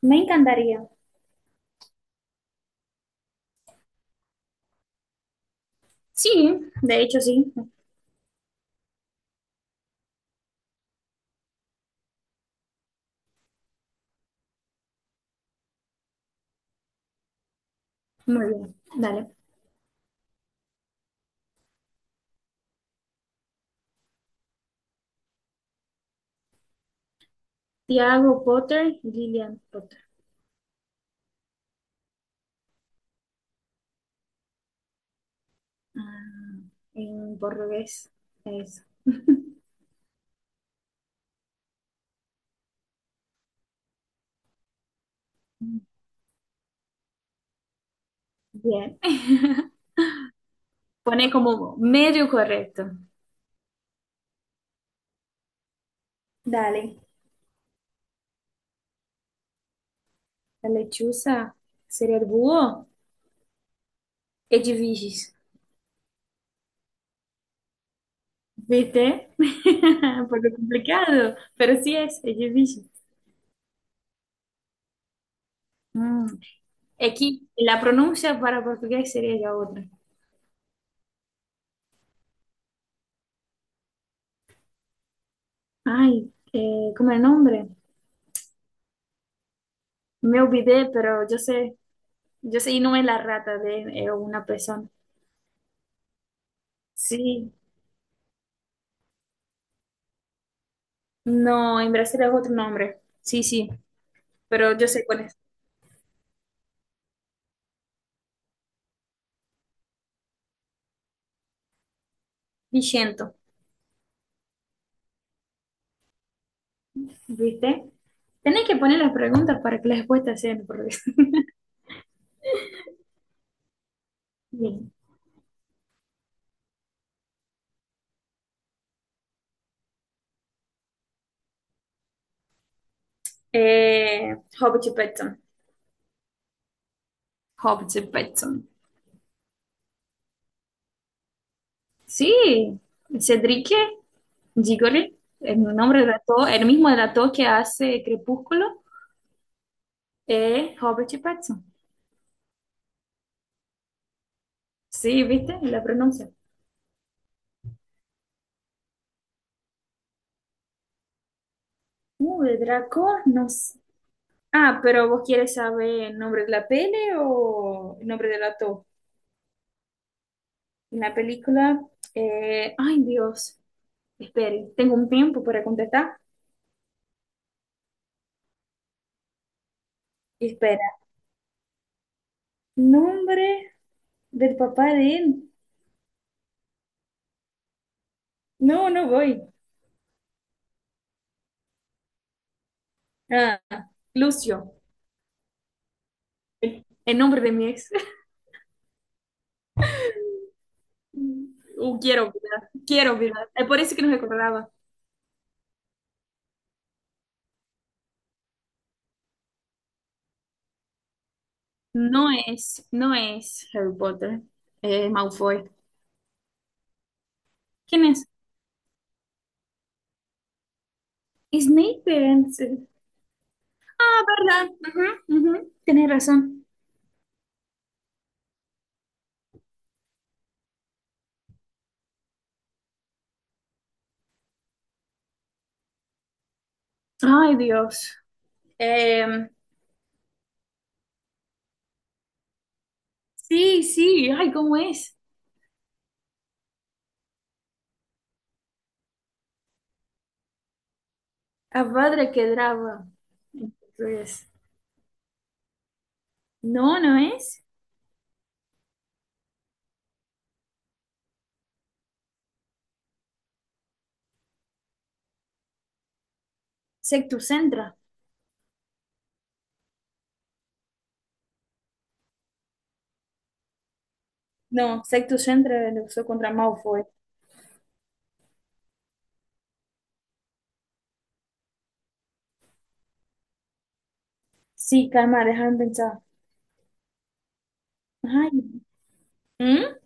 Me encantaría. Sí, de hecho sí. Muy bien. Dale. Tiago Potter y Lillian Potter. Ah, en portugués. Eso. Bien. Pone como medio correcto. Dale. La lechuza sería el búho. Edifícios. ¿Viste? Un poco complicado, pero sí es edifício. Mm. Aquí la pronuncia para portugués sería ya otra. Ay, ¿cómo es el nombre? Me olvidé, pero yo sé. Yo soy no es la rata de una persona. Sí, no, en Brasil es otro nombre. Sí, sí, pero yo sé cuál es. Vigento, ¿viste? Tenés que poner las preguntas para que las respuestas sean por bien. Hobbit Petson. Hobbit Petson. Sí, Cedric Diggory, el nombre del actor, el mismo del actor que hace Crepúsculo, es Robert Pattinson. Sí, ¿viste? La pronuncia. De Draco, no sé. Ah, pero vos quieres saber el nombre de la peli o el nombre del actor. En la película, ay Dios, espere, tengo un tiempo para contestar. Espera, nombre del papá de él. No, no voy. Ah, Lucio, el nombre de mi ex. Quiero olvidar, quiero olvidar. Es por eso que no recordaba. No es, no es Harry Potter, es Malfoy. ¿Quién es? Snape. Ah, ¿verdad? Ujú, ujú. Tienes razón. Ay, Dios. Em, sí, sí, ay, ¿cómo es? Abhadra Kedrava. Entonces, no, no es. Sectus Centra. No, Sectus Centra lo usó contra Malfoy. Sí, calma, déjame pensar. Ay, ¿Mm?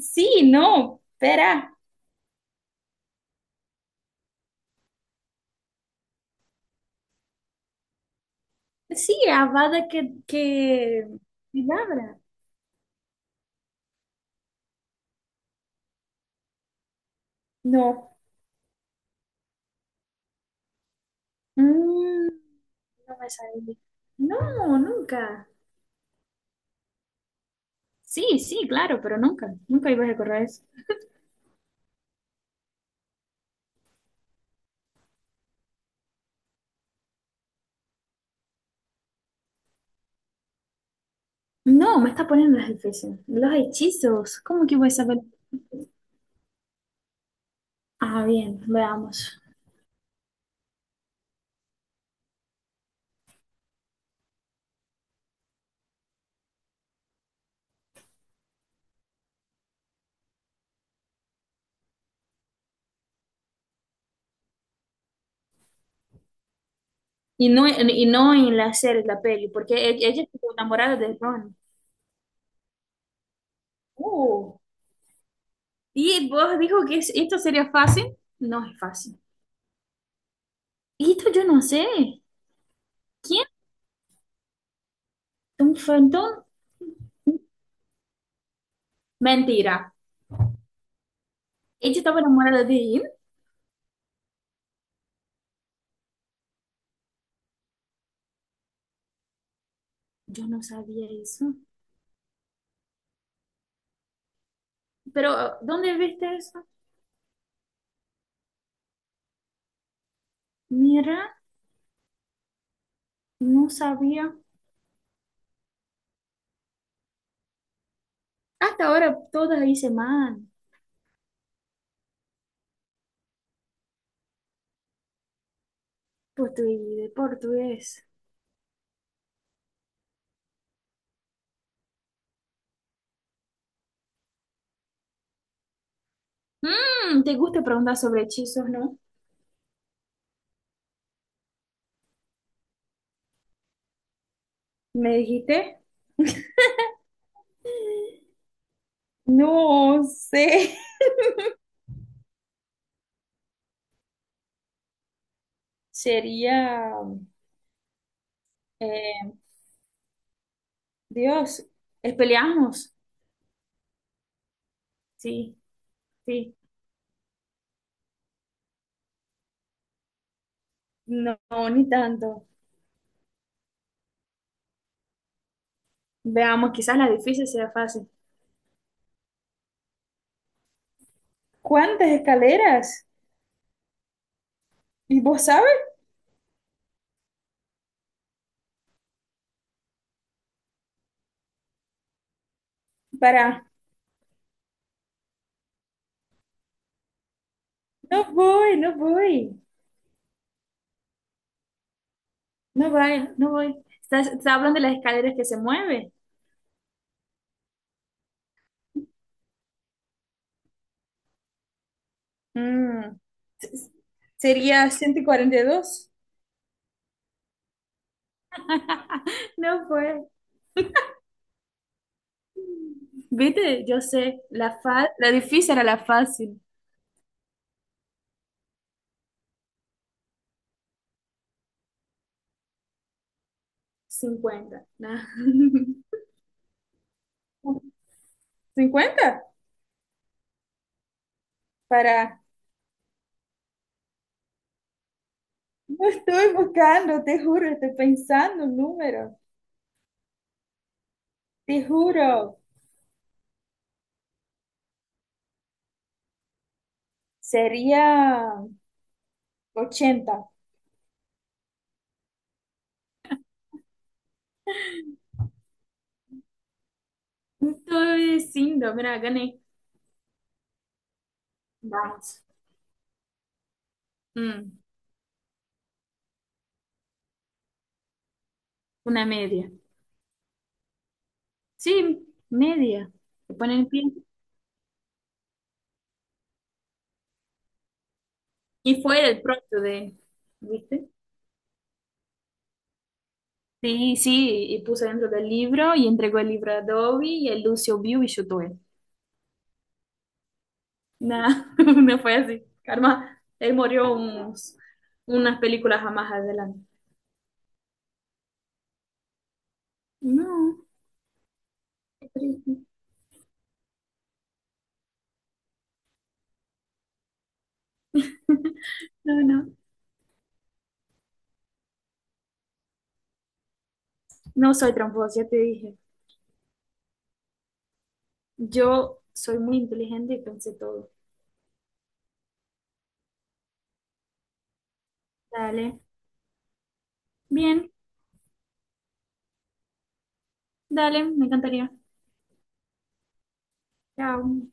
Sí, no, espera. Sí, Avada que... Kedavra. No. Mm, no me sale. No, nunca. Sí, sí, claro, pero nunca, nunca ibas a recordar eso. No, me está poniendo las difíciles. Los hechizos, ¿cómo que voy a saber? Ah, bien, veamos. Y no, y no en la serie, la peli, porque ella estuvo enamorada de Ron. Uh, y vos dijo que esto sería fácil. No es fácil. Y esto yo no sé. ¿Quién? ¿Un fantón? Mentira. Ella estaba enamorada de él. Yo no sabía eso. Pero, ¿dónde viste eso? Mira, no sabía. Hasta ahora todas hice mal, pues estoy de portugués. ¿Te gusta preguntar sobre hechizos, no? ¿Me dijiste? No sé. Sería, eh, Dios, ¿es peleamos? Sí, sí. No, ni tanto. Veamos, quizás la difícil sea fácil. ¿Cuántas escaleras? ¿Y vos sabes? Para, no voy, no voy, no voy, no voy. ¿Estás hablando de las escaleras que se mueven? Mm, Sería 142. No fue. Viste, yo sé, la difícil era la fácil. 50, ¿no? 50, para. No estoy buscando, te juro, estoy pensando un número. Te juro, sería 80. Estoy diciendo, mira, gané. Vamos. Mm, una media. Sí, media. ¿Te ponen pie? Y fue el pronto de, ¿viste? Sí, sí, y puso dentro del libro y entregó el libro a Adobe y el Lucio vio y chutó él. Nah, no fue así. Karma, él murió unos, unas películas más adelante. No, qué triste. No, no. No soy tramposa, ya te dije. Yo soy muy inteligente y pensé todo. Dale. Bien, dale, me encantaría. Chao.